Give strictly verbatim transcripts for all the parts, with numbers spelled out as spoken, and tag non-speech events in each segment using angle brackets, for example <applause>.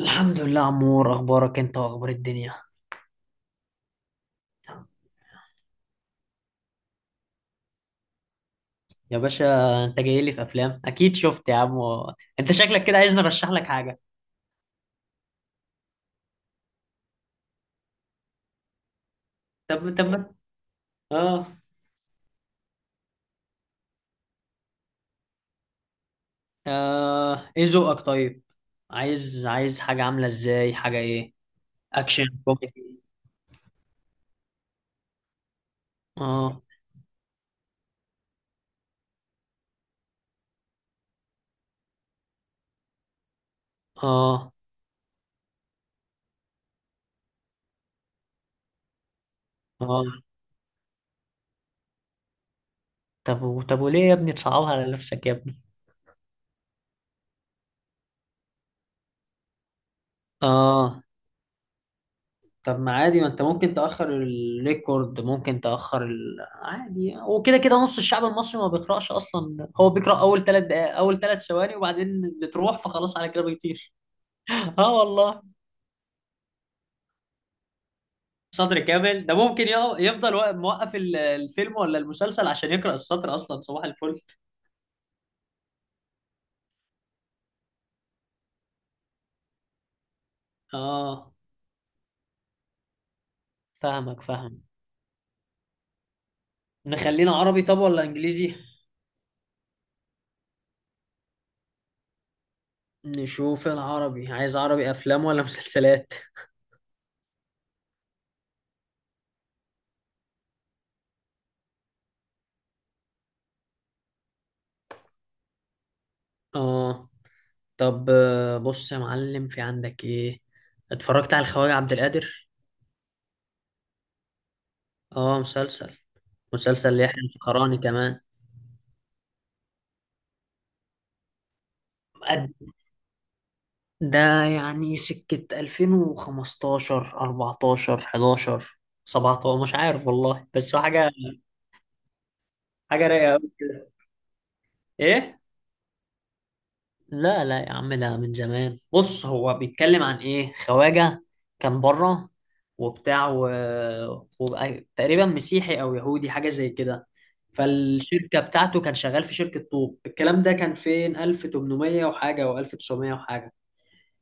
الحمد لله عمور، اخبارك انت واخبار الدنيا؟ يا باشا، انت جاي لي في افلام؟ اكيد شفت يا عم. انت شكلك كده عايزني ارشح لك حاجه. طب طب، ما- اه. اه، ايه ذوقك طيب؟ عايز عايز حاجه عامله ازاي؟ حاجه ايه؟ اكشن كوميدي؟ اه. اه. اه. طب و- طب وليه يا ابني تصعبها على نفسك يا ابني؟ اه. طب ما عادي، ما انت ممكن تأخر الريكورد، ممكن تأخر ال... عادي. وكده كده نص الشعب المصري ما بيقرأش أصلا، هو بيقرأ أول ثلاث دقائق، أول ثلاث ثواني وبعدين بتروح، فخلاص على كده بيطير. <laughs> اه والله. سطر كامل ده ممكن يق- يفضل واقف- موقف ال- الفيلم ولا المسلسل عشان يقرأ السطر أصلا. صباح الفل. اه، فاهمك فاهم. نخلينا عربي طب ولا إنجليزي؟ نشوف العربي، عايز عربي أفلام ولا مسلسلات؟ اه. طب آه، بص يا معلم، في عندك ايه؟ اتفرجت على الخواجة عبد القادر؟ اه مسلسل، مسلسل يحيى الفخراني كمان. قد- ده يعني سكة ألفين وخمستاشر أربعتاشر حداشر سبعة عشر، مش عارف والله، بس هو حاجة، حاجة رايقة أوي كده. ايه؟ لا لا يا عم، ده من زمان. بص، هو بيتكلم عن ايه؟ خواجة كان بره وبتاع و... وبقى تقريبا مسيحي او يهودي، حاجة زي كده. فالشركة بتاعته، كان شغال في شركة طوب. الكلام ده كان فين؟ ألف وتمنمية وحاجة او ألف وتسعمائة وحاجة.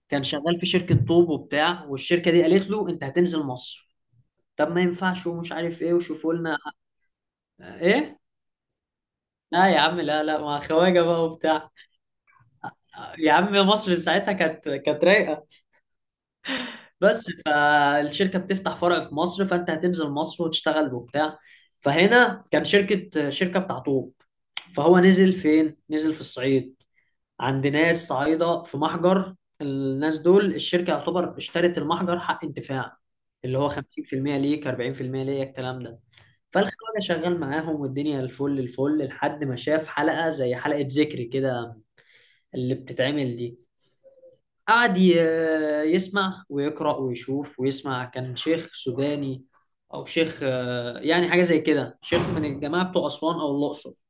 كان شغال في شركة طوب وبتاع، والشركة دي قالت له انت هتنزل مصر. طب ما ينفعش ومش عارف ايه وشوفوا لنا ايه. لا يا عم، لا لا مع خواجة بقى وبتاع. يا عم مصر ساعتها كانت كانت رايقة. بس فالشركة بتفتح فرع في مصر، فأنت هتنزل مصر وتشتغل وبتاع. فهنا كان شركة شركة بتاع طوب. فهو نزل فين؟ نزل في الصعيد، عند ناس صعيدة، في محجر. الناس دول الشركة يعتبر اشترت المحجر حق انتفاع، اللي هو خمسين في المية، ليك أربعين في المية، ليا الكلام ده. فالخواجة شغال معاهم والدنيا الفل الفل، لحد ما شاف حلقة زي حلقة ذكري كده، اللي بتتعمل دي. قعد ي- يسمع ويقرأ ويشوف ويسمع. كان شيخ سوداني، أو شيخ آه، يعني حاجة زي كده، شيخ من الجماعة بتوع أسوان أو الأقصر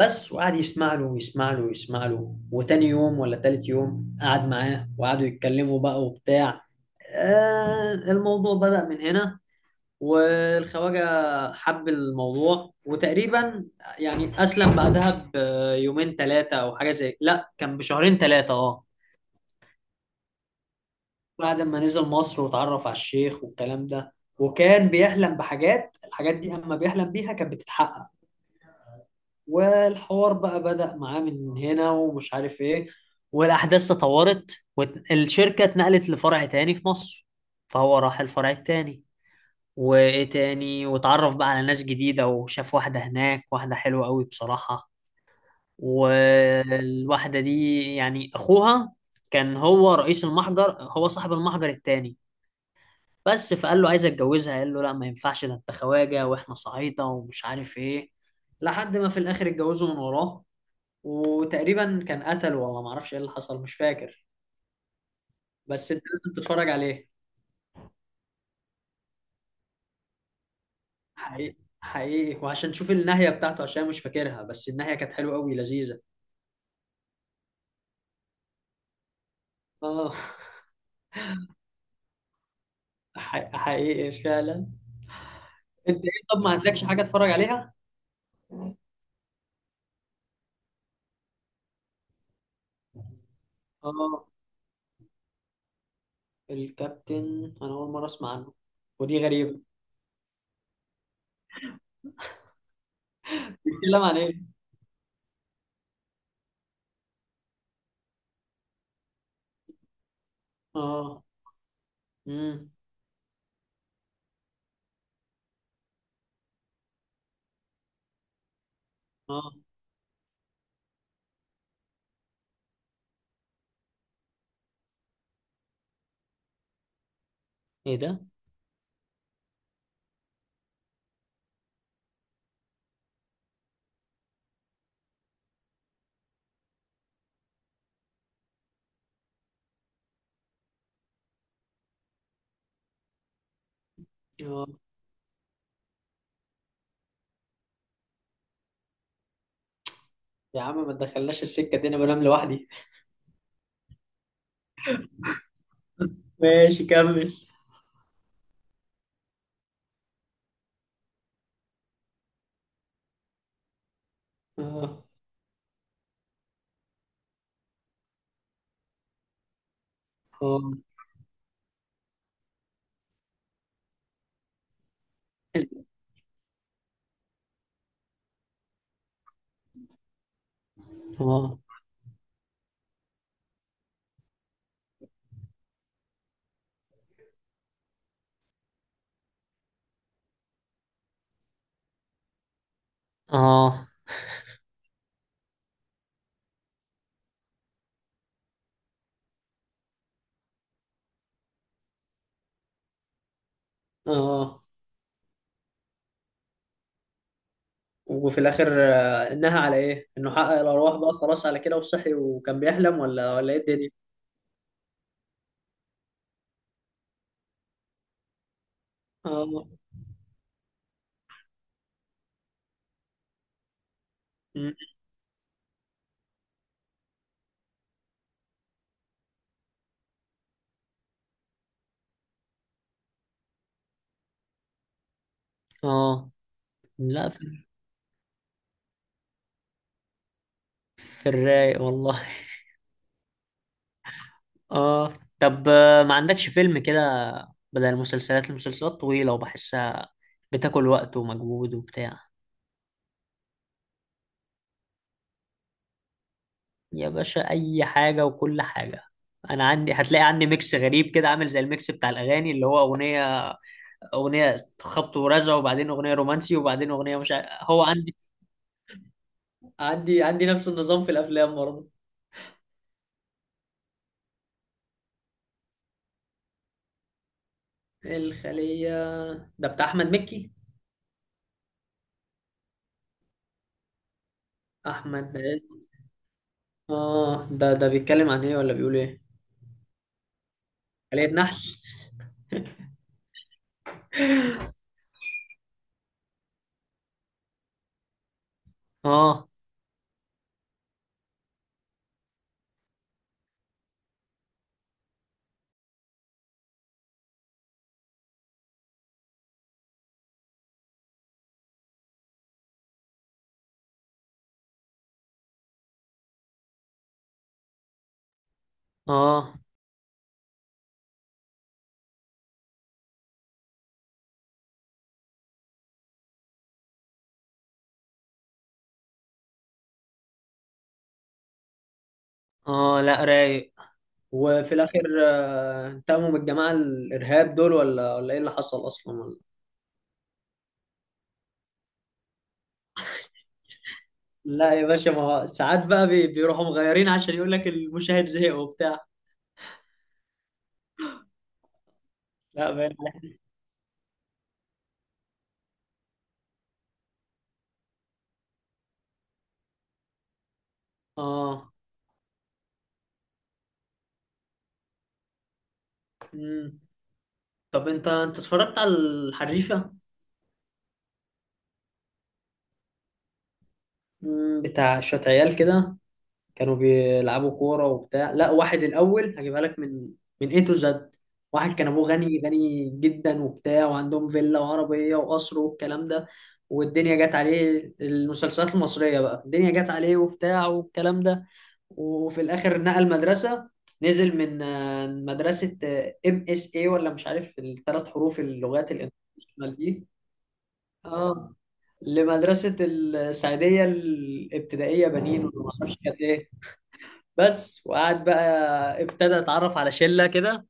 بس. وقعد يسمع له ويسمع له ويسمع له، وتاني يوم ولا تالت يوم قعد معاه وقعدوا يتكلموا بقى وبتاع. آه، الموضوع بدأ من هنا. والخواجة حب الموضوع، وتقريبا يعني أسلم بعدها بيومين ثلاثة أو حاجة زي، لا كان بشهرين ثلاثة، أه. بعد ما نزل مصر واتعرف على الشيخ والكلام ده، وكان بيحلم بحاجات، الحاجات دي اما بيحلم بيها كانت بتتحقق. والحوار بقى بدأ معاه من هنا ومش عارف ايه، والاحداث تطورت، والشركة اتنقلت لفرع تاني في مصر. فهو راح الفرع التاني، وايه تاني، واتعرف بقى على ناس جديدة، وشاف واحدة هناك، واحدة حلوة قوي بصراحة. والواحدة دي يعني اخوها كان هو رئيس المحجر، هو صاحب المحجر التاني بس. فقال له عايز اتجوزها، قال له لا ما ينفعش، ده انت خواجه واحنا صعيده ومش عارف ايه. لحد ما في الاخر اتجوزوا من وراه، وتقريبا كان قتل، والله ما اعرفش ايه اللي حصل، مش فاكر. بس انت لازم تتفرج عليه. حقيقي حقيقي، وعشان تشوف النهايه بتاعته، عشان مش فاكرها، بس النهايه كانت حلوه قوي لذيذه. اه، حقيقي حقيقي فعلا. انت ايه؟ طب ما عندكش حاجه اتفرج عليها؟ اه، الكابتن انا اول مره اسمع عنه، ودي غريبه. بيتكلم عن ايه؟ اه. امم. اه. ايه ده؟ اه، يا عم ما تدخلناش السكة دي، انا بنام لوحدي. ماشي كمل. اه. اه. اه. اه. اه. وفي الاخر آه، انها على ايه؟ انه حقق الارواح بقى خلاص على كده وصحي وكان بيحلم، ولا ولا ايه الدنيا؟ اه. مم. اه. لا. في في الرايق والله. اه، طب آه، ما عندكش فيلم كده؟ بدل المسلسلات، المسلسلات طويلة وبحسها بتاكل وقت ومجهود وبتاع. يا باشا اي حاجه وكل حاجه. انا عندي، هتلاقي عندي ميكس غريب كده، عامل زي الميكس بتاع الاغاني، اللي هو اغنيه، اغنيه خبط ورزع، وبعدين اغنيه رومانسي، وبعدين اغنيه مش عارف. هو عندي عندي عندي نفس النظام في الافلام برضه. الخليه؟ ده بتاع احمد مكي؟ احمد عز؟ اه، ده ده بيتكلم عن ايه ولا بيقول ايه؟ خليه نحل؟ اه. اه. اه. لا رايق. وفي الاخر آه، انتقموا من الجماعه الارهاب دول، ولا ولا ايه اللي حصل اصلا؟ لا يا باشا، ما هو ساعات بقى بي- بيروحوا مغيرين، عشان يقول لك المشاهد زهق وبتاع. لا باين عليك. اه. مم. طب انت انت اتفرجت على الحريفه؟ مم. بتاع شويه عيال كده، كانوا بيلعبوا كوره وبتاع. لا، واحد الاول هجيبها لك من من اي تو زد. واحد كان ابوه غني غني جدا وبتاع، وعندهم فيلا وعربيه وقصر والكلام ده. والدنيا جت عليه المسلسلات المصريه بقى، الدنيا جت عليه وبتاع والكلام ده. وفي الاخر نقل مدرسه، نزل من آه، مدرسه ام اس اي ولا مش عارف، الثلاث حروف اللغات الانترناشونال دي. اه. لمدرسه السعيديه الابتدائيه بنين ولا ما اعرفش كانت ايه. بس، وقعد بقى ابتدى اتعرف على شله كده،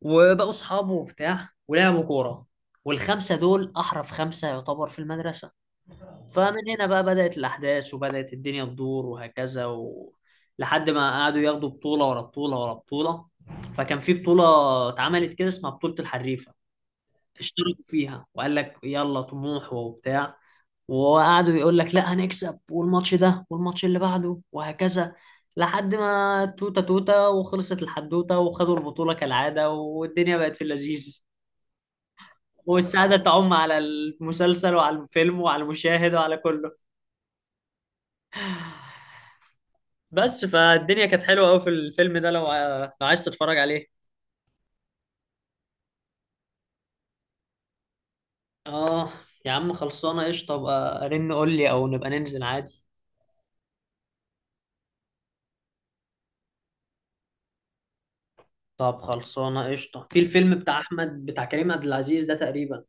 وبقوا اصحابه وبتاع ولعبوا كوره. والخمسه دول احرف خمسه يعتبر في المدرسه. فمن هنا بقى بدأت الأحداث، وبدأت الدنيا تدور، وهكذا و... لحد ما قعدوا ياخدوا بطولة ورا بطولة ورا بطولة. فكان في بطولة اتعملت كده اسمها بطولة الحريفة، اشتركوا فيها وقال لك يلا طموح وبتاع. وقعدوا يقول لك لا هنكسب، والماتش ده والماتش اللي بعده، وهكذا، لحد ما توتة توتة وخلصت الحدوتة، وخدوا البطولة كالعادة، والدنيا بقت في اللذيذ، والسعادة تعم على المسلسل وعلى الفيلم وعلى المشاهد وعلى كله. بس فالدنيا كانت حلوه قوي في الفيلم ده، لو ع- لو عايز تتفرج عليه. اه، يا عم خلصانه قشطه، ابقى رن قول لي او نبقى ننزل عادي. طب خلصانه قشطه، في الفيلم بتاع احمد بتاع كريم عبد العزيز ده تقريبا.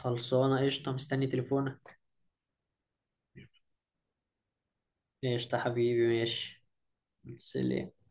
خلصانه قشطه، مستني تليفونك. قشطه حبيبي، ماشي. سلام.